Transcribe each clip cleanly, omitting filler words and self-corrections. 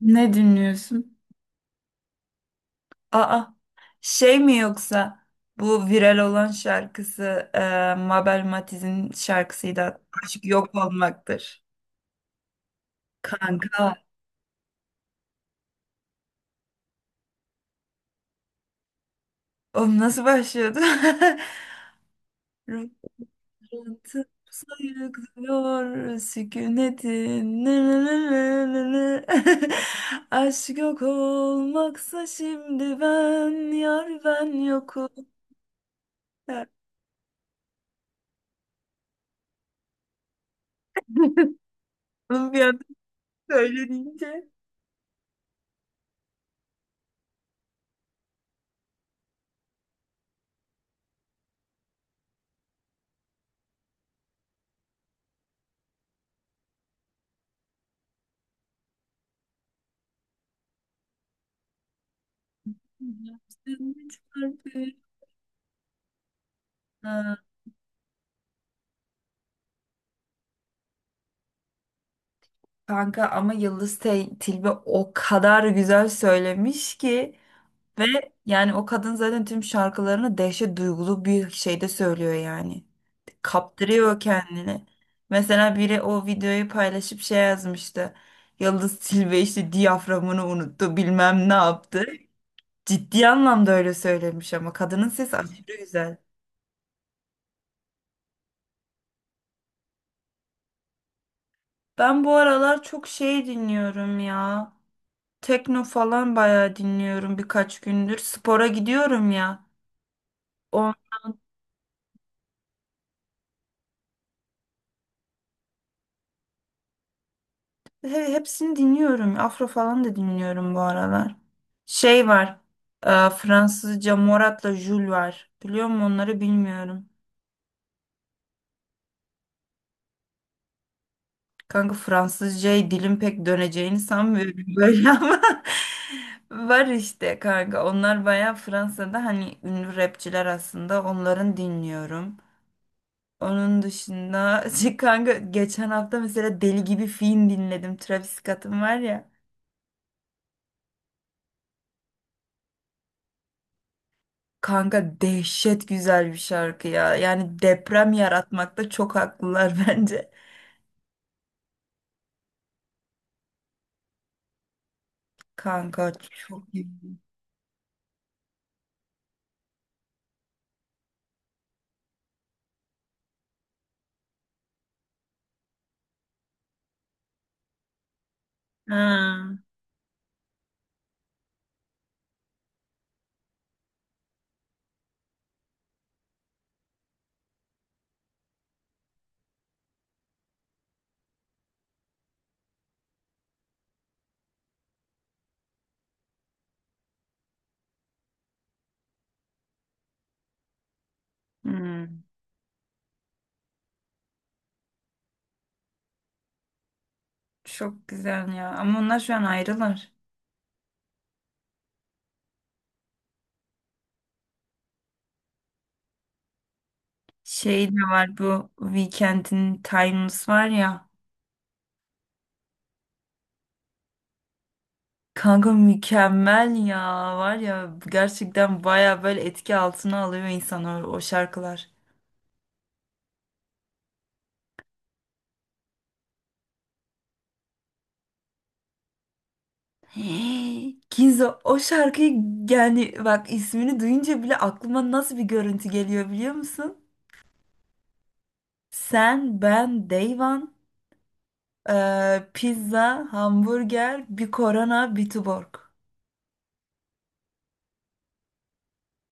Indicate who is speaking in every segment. Speaker 1: Ne dinliyorsun? Aa, şey mi yoksa bu viral olan şarkısı e, Mabel Matiz'in şarkısıydı. Aşk yok olmaktır. Kanka. O nasıl başlıyordu? Rıhtım sayıklıyor sükunetin. Nı nı nı nı nı nı. Aşk yok olmaksa şimdi ben yar ben yokum. Bunu bir anda söyleyince. Üç harfi. Ha, kanka ama Yıldız Tilbe o kadar güzel söylemiş ki ve yani o kadın zaten tüm şarkılarını dehşet duygulu bir şeyde söylüyor yani. Kaptırıyor kendini. Mesela biri o videoyu paylaşıp şey yazmıştı. Yıldız Tilbe işte diyaframını unuttu bilmem ne yaptı. Ciddi anlamda öyle söylemiş ama kadının sesi aşırı güzel. Ben bu aralar çok şey dinliyorum ya. Tekno falan bayağı dinliyorum birkaç gündür. Spora gidiyorum ya. O hepsini dinliyorum. Afro falan da dinliyorum bu aralar. Şey var. Fransızca Morat'la Jul var. Biliyor musun onları bilmiyorum. Kanka Fransızcaya dilim pek döneceğini sanmıyorum böyle ama var işte kanka. Onlar bayağı Fransa'da hani ünlü rapçiler aslında. Onların dinliyorum. Onun dışında şey kanka geçen hafta mesela deli gibi film dinledim. Travis Scott'ın var ya. Kanka dehşet güzel bir şarkı ya. Yani deprem yaratmakta çok haklılar bence. Kanka çok iyi. Ha, hmm, çok güzel ya. Ama onlar şu an ayrılar. Şey de var bu Weekend'in Timeless var ya. Kanka mükemmel ya. Var ya gerçekten baya böyle etki altına alıyor insanı o şarkılar. Hey, Kinzo o şarkıyı yani bak ismini duyunca bile aklıma nasıl bir görüntü geliyor biliyor musun? Sen, ben, Dayvan, pizza, hamburger, bir korona, bir tuborg.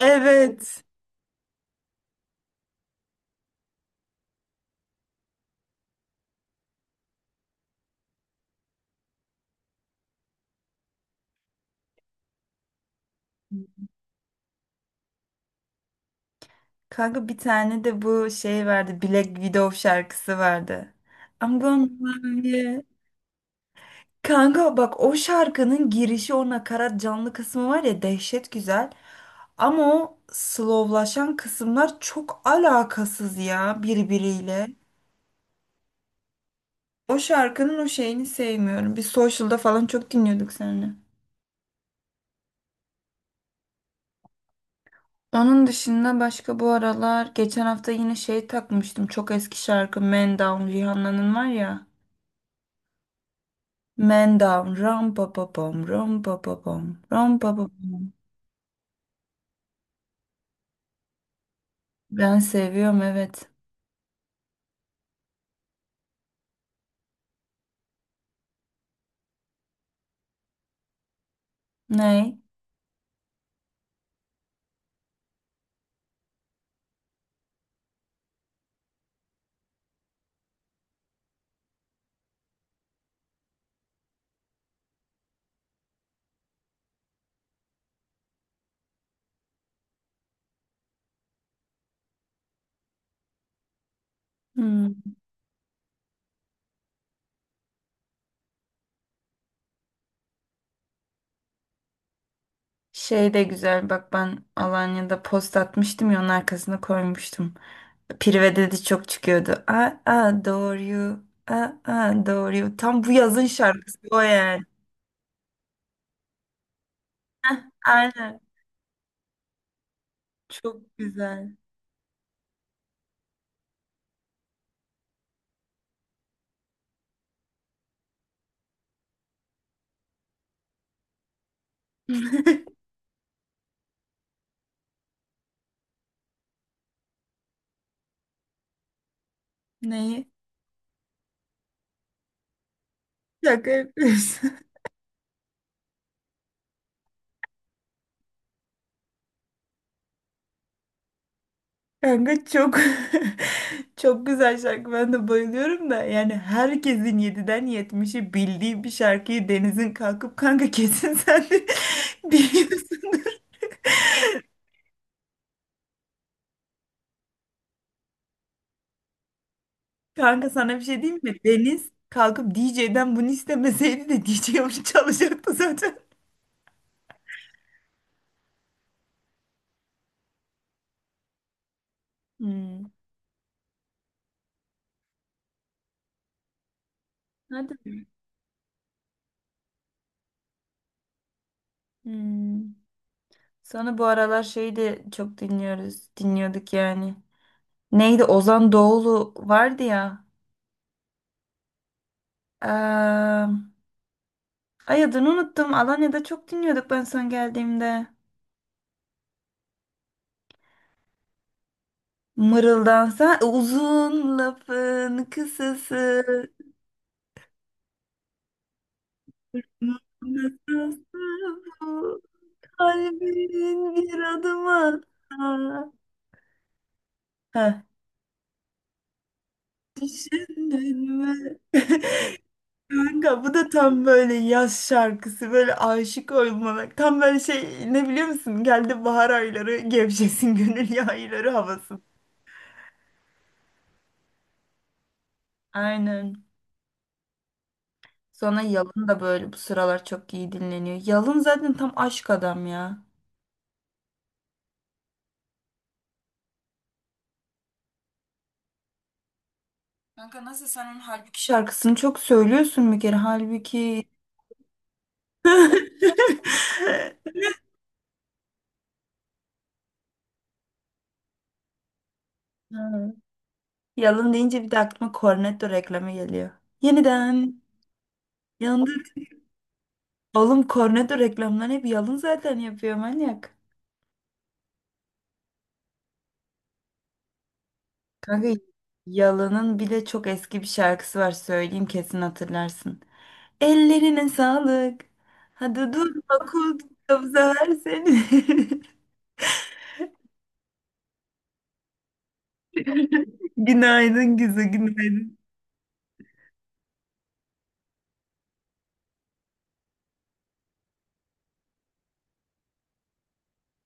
Speaker 1: Evet. Kanka bir tane de bu şey vardı Black Widow şarkısı vardı. I'm gonna love you. Kanka bak o şarkının girişi o nakarat canlı kısmı var ya dehşet güzel. Ama o slowlaşan kısımlar çok alakasız ya birbiriyle. O şarkının o şeyini sevmiyorum. Biz Social'da falan çok dinliyorduk seninle. Onun dışında başka bu aralar geçen hafta yine şey takmıştım. Çok eski şarkı Man Down Rihanna'nın var ya. Man Down ram pa pa pam ram pa pa pam ram pa pa pam. Ben seviyorum evet. Ney? Şey de güzel bak ben Alanya'da post atmıştım ya onun arkasına koymuştum. Prive dedi çok çıkıyordu. I adore you. I adore you. Tam bu yazın şarkısı o yani. Heh, aynen. Çok güzel. Neyi? Şaka yapıyorsun. Kanka çok çok güzel şarkı. Ben de bayılıyorum da yani herkesin yediden yetmişi bildiği bir şarkıyı Deniz'in kalkıp kanka kesin sen de biliyorsundur. Kanka sana bir şey diyeyim mi? Deniz kalkıp DJ'den bunu istemeseydi de DJ onu çalacaktı zaten. Hmm. Hadi. Hmm. Sana bu aralar şeyi de çok dinliyoruz. Dinliyorduk yani. Neydi? Ozan Doğulu vardı ya. Eee, Ay adını unuttum. Alanya'da çok dinliyorduk ben son geldiğimde. Mırıldansa uzun lafın kısası. Nasılsa bu kalbin bir adım atsa. Ha. Düşündün mü? Kanka bu da tam böyle yaz şarkısı böyle aşık olmalı. Tam böyle şey ne biliyor musun? Geldi bahar ayları gevşesin gönül yayları havası. Aynen. Sonra Yalın da böyle bu sıralar çok iyi dinleniyor. Yalın zaten tam aşk adam ya. Kanka nasıl sen onun Halbuki şarkısını çok söylüyorsun bir kere. Halbuki. Ha. Yalın deyince bir de aklıma Cornetto reklamı geliyor. Yeniden. Oğlum Cornetto reklamlarını hep Yalın zaten yapıyor manyak. Kanka Yalın'ın bir de çok eski bir şarkısı var söyleyeyim kesin hatırlarsın. Ellerine sağlık. Hadi durma kul her seni. Günaydın güzel günaydın.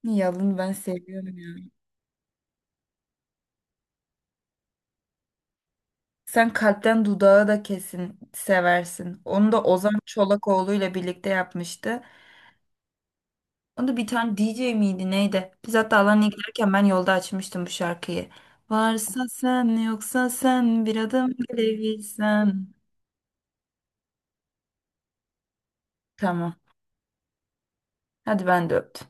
Speaker 1: Yalın ben seviyorum ya. Sen kalpten dudağı da kesin seversin. Onu da Ozan Çolakoğlu ile birlikte yapmıştı. O da bir tane DJ miydi neydi? Biz hatta Alanya'ya giderken ben yolda açmıştım bu şarkıyı. Varsa sen yoksa sen bir adım gelebilsen. Tamam. Hadi ben de öptüm.